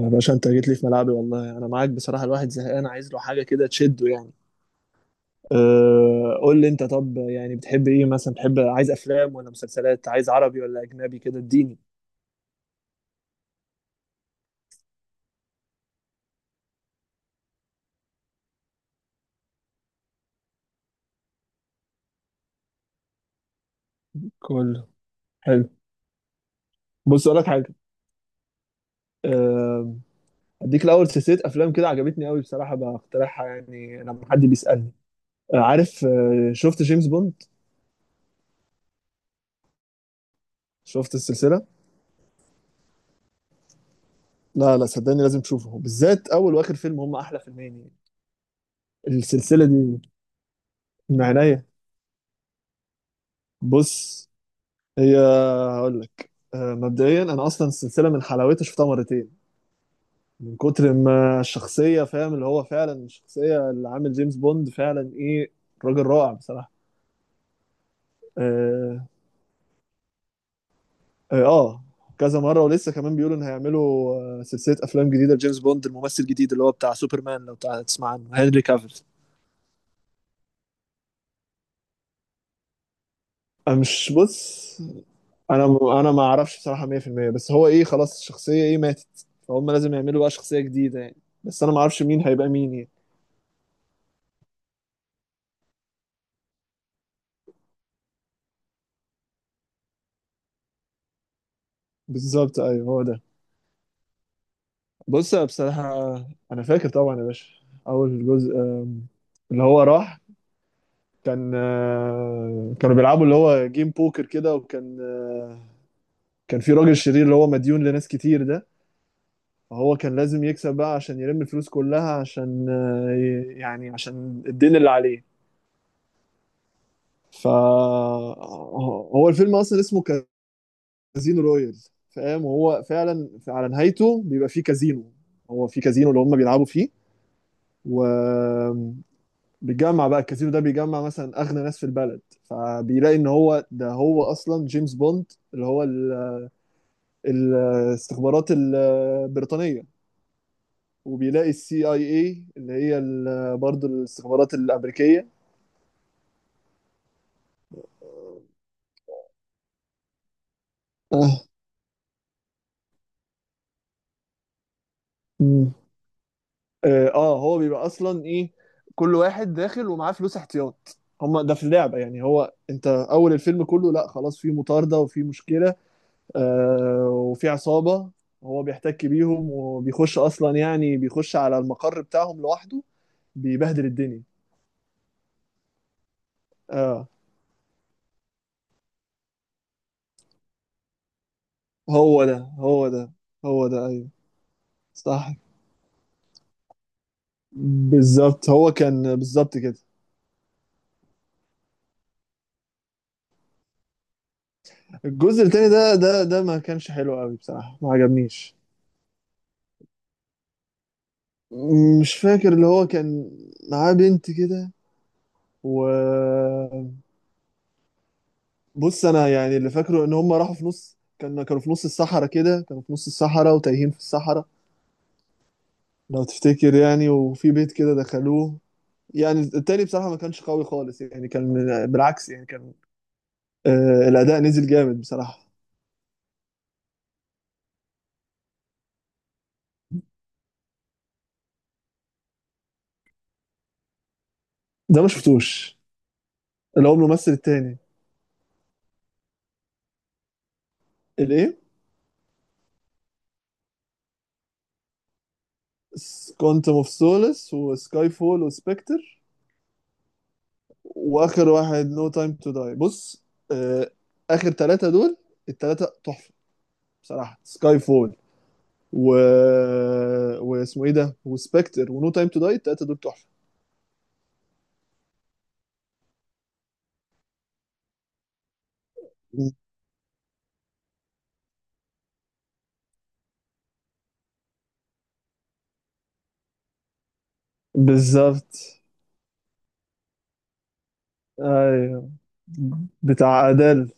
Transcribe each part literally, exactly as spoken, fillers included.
يا باشا، انت جيت لي في ملعبي، والله انا معاك بصراحه. الواحد زهقان، عايز له حاجه كده تشده يعني. أه قول لي انت، طب يعني بتحب ايه، مثلا بتحب عايز افلام ولا مسلسلات، عايز عربي ولا اجنبي، كده اديني. كله حلو. بص اقول لك حاجه. أه اديك الاول سلسله افلام كده عجبتني قوي بصراحه، بقترحها يعني لما حد بيسالني. أه عارف، أه شفت جيمس بوند؟ شفت السلسله؟ لا لا، صدقني لازم تشوفه، بالذات اول واخر فيلم هم احلى فيلمين يعني. السلسله دي من عينيا. بص، هي هقول لك، آه، مبدئيا انا اصلا السلسله من حلاوتها شفتها مرتين. من كتر ما الشخصيه فاهم، اللي هو فعلا الشخصيه اللي عامل جيمس بوند فعلا ايه، راجل رائع بصراحه. اه, آه آه، كذا مره ولسه كمان بيقولوا ان هيعملوا آه، سلسله افلام جديده لجيمس بوند. الممثل الجديد اللي هو بتاع سوبرمان، لو تع- تسمع عنه، هنري كافيل. انا مش بص انا انا ما اعرفش بصراحه مية في المية. بس هو ايه، خلاص الشخصيه ايه ماتت، فهم لازم يعملوا بقى شخصيه جديده يعني، بس انا ما اعرفش مين هيبقى مين يعني. بالظبط، ايوه، هو ده. بص أنا بصراحة انا فاكر طبعا يا باشا. اول جزء، آم، اللي هو راح، كان آه، كانوا بيلعبوا اللي هو جيم بوكر كده، وكان آه، كان في راجل شرير اللي هو مديون لناس كتير ده. فهو كان لازم يكسب بقى عشان يلم الفلوس كلها، عشان آه، ي- يعني عشان الدين اللي عليه. ف آه، هو الفيلم اصلا اسمه كازينو رويال، فاهم؟ وهو فعلا على نهايته بيبقى فيه كازينو، هو في كازينو اللي هم بيلعبوا فيه، و بيجمع بقى، الكازينو ده بيجمع مثلا اغنى ناس في البلد. فبيلاقي ان هو ده، هو اصلا جيمس بوند اللي هو ال- الاستخبارات البريطانيه، وبيلاقي السي اي اي اللي هي ال- برضه الاستخبارات الامريكيه. اه. مم. اه، آه، هو بيبقى اصلا ايه، كل واحد داخل ومعاه فلوس احتياط. هما ده في اللعبه يعني، هو انت اول الفيلم كله، لا خلاص في مطارده وفي مشكله آه، وفي عصابة. هو بيحتك بيهم وبيخش أصلا، يعني بيخش على المقر بتاعهم لوحده، بيبهدل الدنيا. اه، هو ده، هو ده، هو ده، أيوه، صح، بالظبط، هو كان بالظبط كده. الجزء التاني ده ده ده ما كانش حلو قوي بصراحة، ما عجبنيش. مش فاكر، اللي هو كان معاه بنت كده، و بص انا يعني، اللي فاكره ان هم راحوا في نص، كانوا كانوا في نص الصحراء كده، كانوا في نص الصحراء وتايهين في الصحراء، لو تفتكر يعني، وفي بيت كده دخلوه. يعني التاني بصراحة ما كانش قوي خالص يعني، كان من- بالعكس يعني، كان آه الأداء نزل جامد بصراحة. ده ما شفتوش اللي هو الممثل التاني. الإيه؟ كوانتم اوف سولس وسكاي فول وسبكتر، وآخر واحد نو تايم تو داي. بص، آه آخر ثلاثة دول الثلاثة تحفة بصراحة. سكاي فول و... واسمه إيه ده؟ وسبكتر ونو تايم تو داي، الثلاثة دول تحفة. بالظبط، ايوه، بتاع ادل.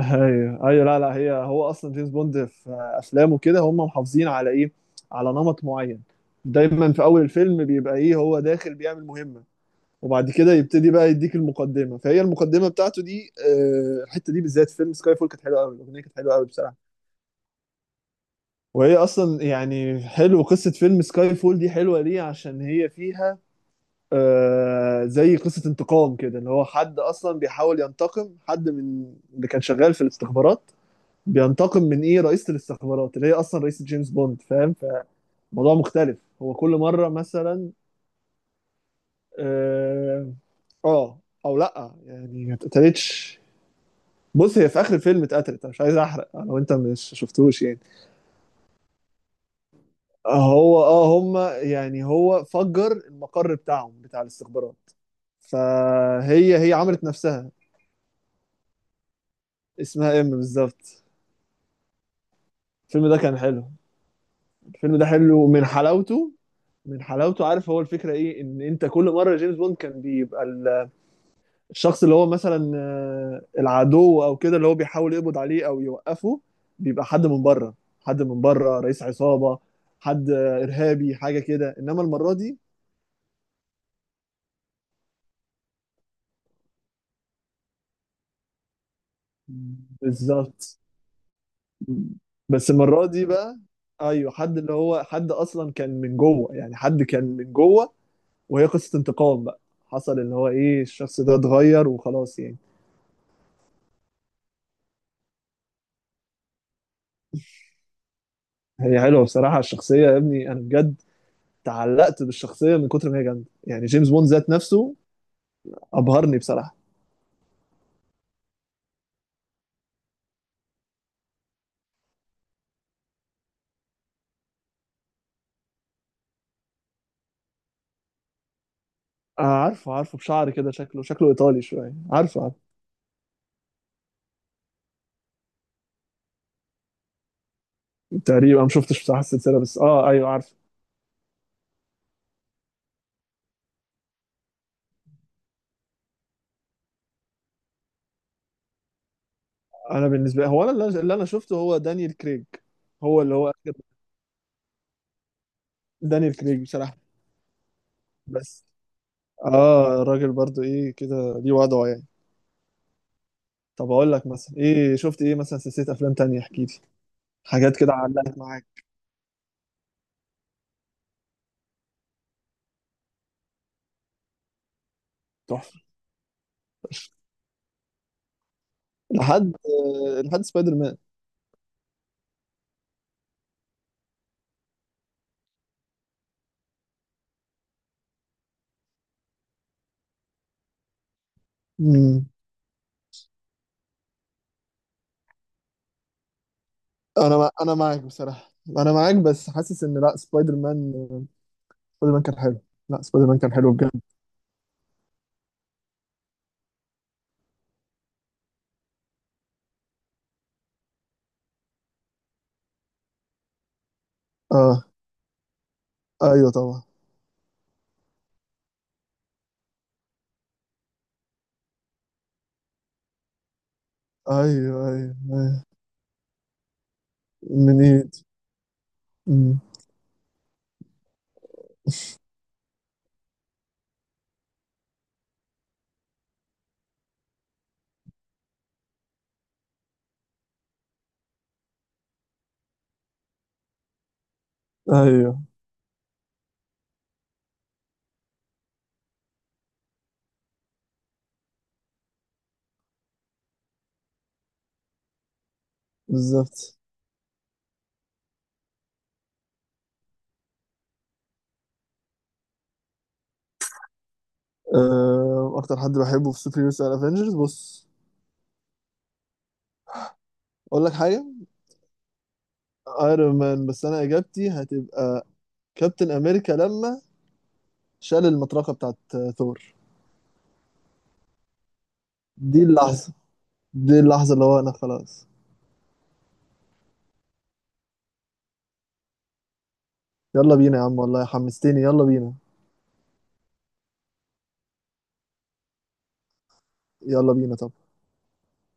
ايوه ايوه، لا لا، هي هو اصلا جيمس بوند في افلامه كده، هم محافظين على ايه، على نمط معين. دايما في اول الفيلم بيبقى ايه، هو داخل بيعمل مهمه، وبعد كده يبتدي بقى يديك المقدمه. فهي المقدمه بتاعته دي، آه، الحته دي بالذات في فيلم سكاي فول كانت حلوه قوي، الاغنيه كانت حلوه قوي بصراحه. وهي اصلا يعني، حلو قصه فيلم سكاي فول دي حلوه ليه، عشان هي فيها آه، زي قصه انتقام كده، اللي هو حد اصلا بيحاول ينتقم، حد من اللي كان شغال في الاستخبارات. بينتقم من ايه، رئيسة الاستخبارات اللي هي اصلا رئيسة جيمس بوند، فاهم؟ فموضوع مختلف، هو كل مرة مثلا. اه، آه، او لا يعني، ما اتقتلتش. بص هي في اخر الفيلم اتقتلت، أنا مش عايز احرق لو انت مش شفتوش يعني. هو اه هما يعني هو فجر المقر بتاعهم بتاع الاستخبارات، فهي هي عملت نفسها. اسمها ام بالظبط. الفيلم ده كان حلو، الفيلم ده حلو من حلاوته من حلاوته عارف. هو الفكره ايه، ان انت كل مره جيمس بوند كان بيبقى الشخص، اللي هو مثلا آه، العدو او كده، اللي هو بيحاول يقبض عليه او يوقفه، بيبقى حد من بره، حد من بره، رئيس عصابة، حد آه، ارهابي، حاجة كده. انما المرة دي بالظبط، بس المرة دي بقى ايوه، حد اللي هو، حد اصلا كان من جوه يعني، حد كان من جوه، وهي قصة انتقام بقى. حصل اللي هو ايه، الشخص ده اتغير وخلاص يعني. هي حلوة بصراحة الشخصية، يا ابني انا بجد تعلقت بالشخصية من كتر ما هي جامدة، يعني جيمس بوند ذات نفسه ابهرني بصراحه. آه، عارفه عارفه، بشعر كده، شكله شكله ايطالي شويه، عارفه عارفه. تقريبا ما شفتش بصراحه السلسله، بس اه ايوه عارفه. انا بالنسبه لي، هو انا اللي اللي انا شفته هو دانيال كريج. هو اللي هو آخر، دانيال كريج بصراحه. بس اه، الراجل برضو ايه كده، ليه وضعه يعني. طب اقول لك مثلا ايه، شفت ايه مثلا سلسله افلام تانية، احكي لي، حاجات كده علقت معاك. تحفه لحد آه، لحد سبايدر مان. مم. انا مع... انا معاك بصراحه، انا معاك، بس حاسس ان لا، سبايدر مان سبايدر مان كان حلو. لا، سبايدر مان كان حلو بجد. اه، ايوه طبعا، ايوه ايوه, أيوة. من ايد. أمم. ايوه بالظبط. آه، اكتر حد بحبه في سوبر هيروز على افنجرز، بص اقول لك حاجه. ايرون مان، بس انا اجابتي هتبقى كابتن امريكا لما شال المطرقه بتاعت آه، ثور. دي اللحظه، دي اللحظه اللي هو انا خلاص. يلا بينا يا عم، والله حمستني، يلا بينا، يلا بينا، طب.